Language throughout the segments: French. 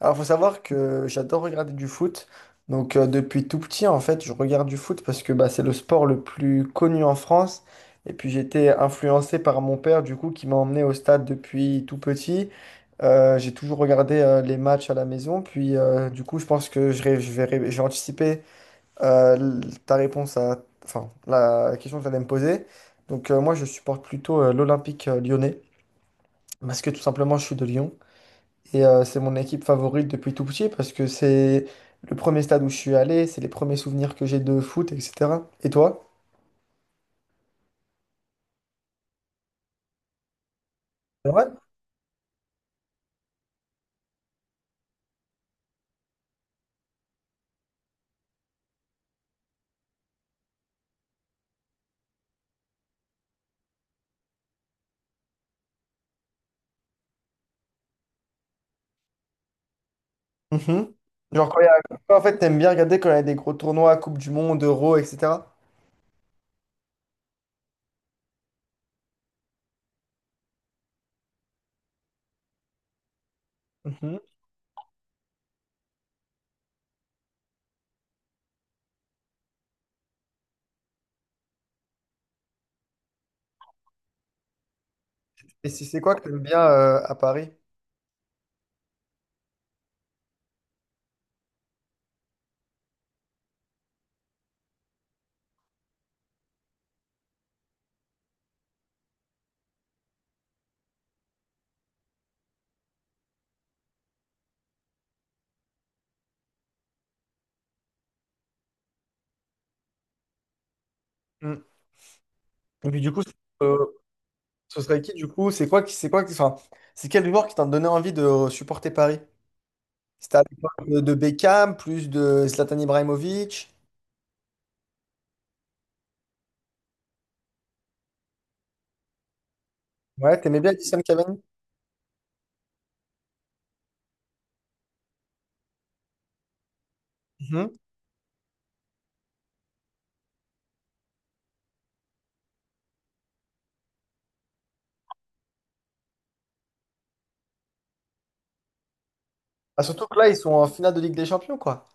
Alors, faut savoir que j'adore regarder du foot. Donc, depuis tout petit, en fait, je regarde du foot parce que bah, c'est le sport le plus connu en France. Et puis, j'étais influencé par mon père, du coup, qui m'a emmené au stade depuis tout petit. J'ai toujours regardé les matchs à la maison. Puis, du coup, je pense que je, ré- je vais, ré- j'ai anticipé euh, l- ta réponse à enfin, la question que tu allais me poser. Donc, moi, je supporte plutôt l'Olympique lyonnais parce que tout simplement, je suis de Lyon. Et c'est mon équipe favorite depuis tout petit parce que c'est le premier stade où je suis allé, c'est les premiers souvenirs que j'ai de foot, etc. Et toi? C'est vrai? Mhm. Genre quand il y a... toi, en fait, t'aimes bien regarder quand il y a des gros tournois, Coupe du Monde, Euro, etc. Mhm. Et si c'est quoi que t'aimes bien à Paris? Mm. Et puis du coup, euh, ce serait qui du coup? C'est quoi qui, enfin, c'est quel joueur qui t'a donné envie de supporter Paris? C'était à l'époque de Beckham, plus de Zlatan Ibrahimovic. Ouais, t'aimais bien Edison Cavani? Ah, surtout que là, ils sont en finale de Ligue des Champions, quoi.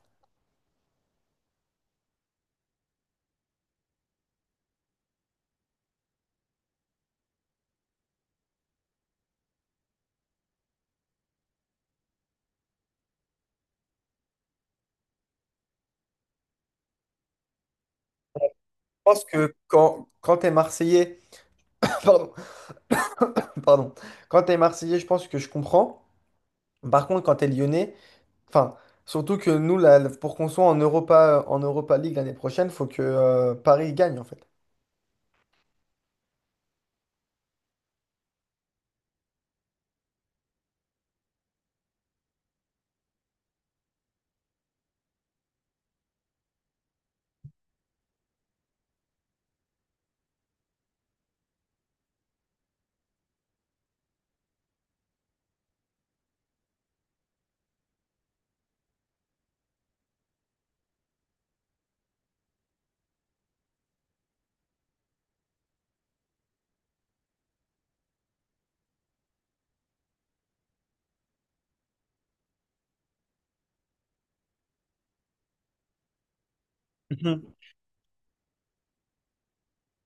Je pense que quand t'es Marseillais, pardon, pardon, quand t'es Marseillais, je pense que je comprends. Par contre, quand t'es Lyonnais, enfin, surtout que nous, là, pour qu'on soit en Europa League l'année prochaine, faut que Paris gagne, en fait. Mhm.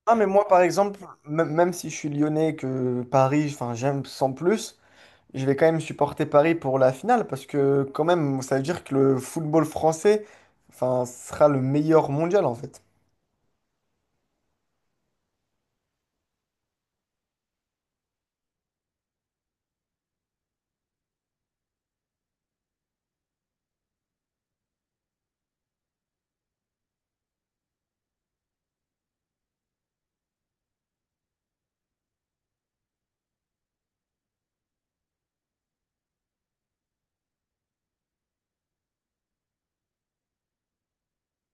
Ah, mais moi, par exemple, même si je suis lyonnais et que Paris, enfin, j'aime sans plus, je vais quand même supporter Paris pour la finale parce que, quand même, ça veut dire que le football français, enfin, sera le meilleur mondial, en fait.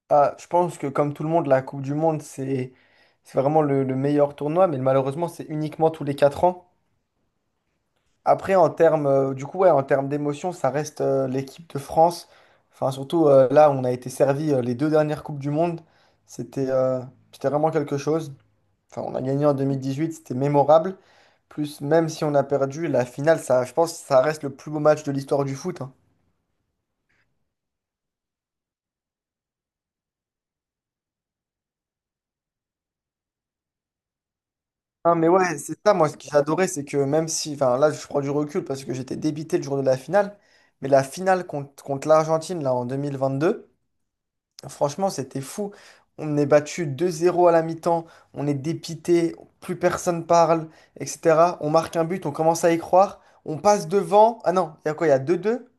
Ah, je pense que comme tout le monde, la Coupe du Monde, c'est vraiment le meilleur tournoi, mais malheureusement, c'est uniquement tous les 4 ans. Après, en termes, du coup, ouais, en termes d'émotion, ça reste l'équipe de France. Enfin, surtout là, on a été servi les deux dernières Coupes du Monde. C'était euh, c'était vraiment quelque chose. Enfin, on a gagné en 2018, c'était mémorable. Plus, même si on a perdu, la finale, ça, je pense, que ça reste le plus beau match de l'histoire du foot, hein. Ah mais ouais, c'est ça, moi, ce que j'adorais, c'est que même si, enfin, là, je prends du recul parce que j'étais débité le jour de la finale, mais la finale contre l'Argentine, là, en 2022, franchement, c'était fou. On est battu 2-0 à la mi-temps, on est dépité, plus personne parle, etc. On marque un but, on commence à y croire, on passe devant. Ah non, il y a quoi? Il y a 2-2.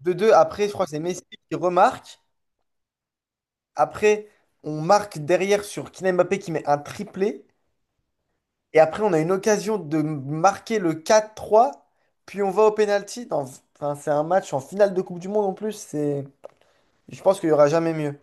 2-2, après, je crois que c'est Messi qui remarque. Après, on marque derrière sur Kylian Mbappé qui met un triplé. Et après, on a une occasion de marquer le 4-3, puis on va au pénalty. Enfin, c'est un match en finale de Coupe du Monde en plus. C'est... Je pense qu'il n'y aura jamais mieux.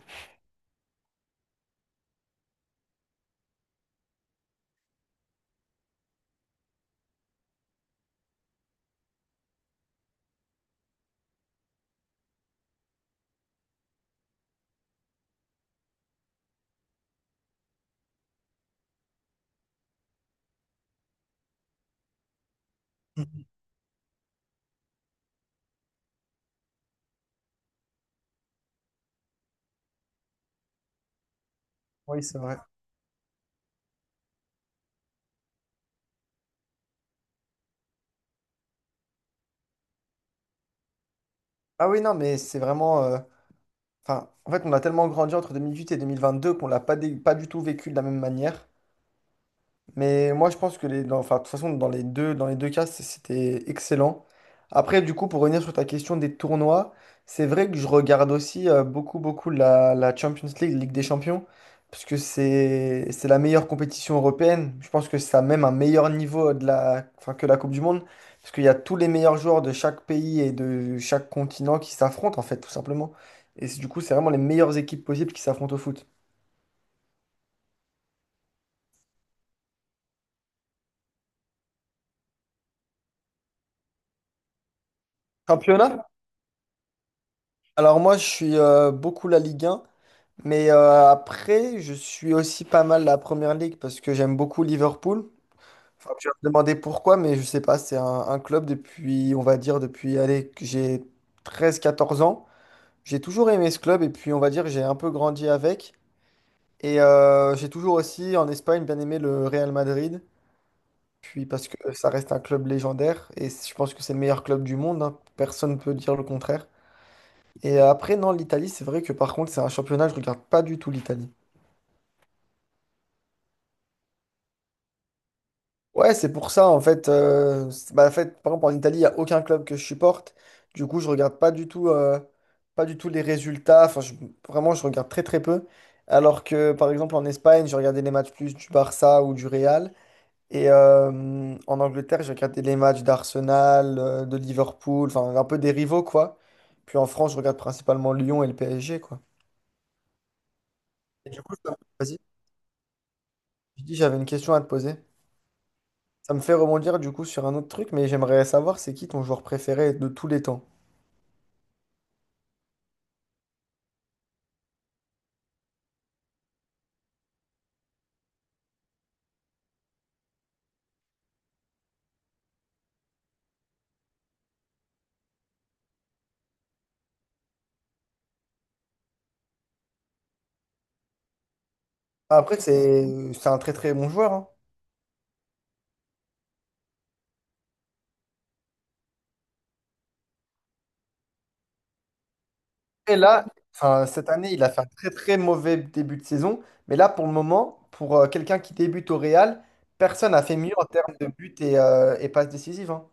Oui, c'est vrai. Ah oui, non, mais c'est vraiment... Enfin, en fait, on a tellement grandi entre 2018 et 2022 qu'on l'a pas, pas du tout vécu de la même manière. Mais moi, je pense que enfin, de toute façon, dans les deux cas, c'était excellent. Après, du coup, pour revenir sur ta question des tournois, c'est vrai que je regarde aussi beaucoup, beaucoup la Champions League, Ligue des Champions, parce que c'est la meilleure compétition européenne. Je pense que ça a même un meilleur niveau de la, enfin, que la Coupe du Monde, parce qu'il y a tous les meilleurs joueurs de chaque pays et de chaque continent qui s'affrontent, en fait, tout simplement. Et du coup, c'est vraiment les meilleures équipes possibles qui s'affrontent au foot. Championnat? Alors moi, je suis beaucoup la Ligue 1. Mais après, je suis aussi pas mal la Première Ligue parce que j'aime beaucoup Liverpool. Enfin, tu vas me demander pourquoi, mais je sais pas, c'est un club depuis, on va dire, depuis, allez, que j'ai 13, 14 ans. J'ai toujours aimé ce club et puis, on va dire, j'ai un peu grandi avec. Et j'ai toujours aussi, en Espagne, bien aimé le Real Madrid. Puis parce que ça reste un club légendaire et je pense que c'est le meilleur club du monde, hein. Personne ne peut dire le contraire. Et après, non, l'Italie, c'est vrai que par contre, c'est un championnat, je regarde pas du tout l'Italie. Ouais, c'est pour ça, en fait, bah, en fait, par exemple, en Italie, il n'y a aucun club que je supporte. Du coup, je regarde pas du tout, pas du tout les résultats. Enfin, vraiment, je regarde très, très peu. Alors que, par exemple, en Espagne, je regardais les matchs plus du Barça ou du Real. Et en Angleterre, j'ai regardé les matchs d'Arsenal, de Liverpool, enfin, un peu des rivaux, quoi. Puis en France, je regarde principalement Lyon et le PSG, quoi. Et du coup, vas-y, je dis, j'avais une question à te poser. Ça me fait rebondir du coup sur un autre truc, mais j'aimerais savoir c'est qui ton joueur préféré de tous les temps. Après, c'est un très très bon joueur, hein. Et là, enfin, cette année, il a fait un très très mauvais début de saison. Mais là, pour le moment, pour quelqu'un qui débute au Real, personne n'a fait mieux en termes de buts et passes décisives, hein.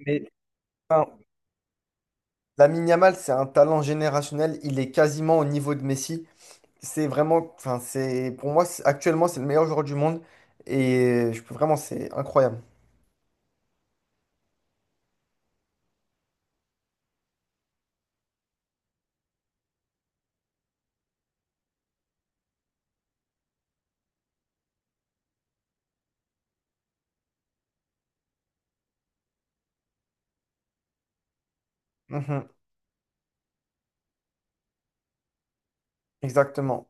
Mais enfin, Lamine Yamal, c'est un talent générationnel. Il est quasiment au niveau de Messi. C'est vraiment, enfin, c'est pour moi, actuellement, c'est le meilleur joueur du monde. Et je peux vraiment, c'est incroyable. Mhm, exactement.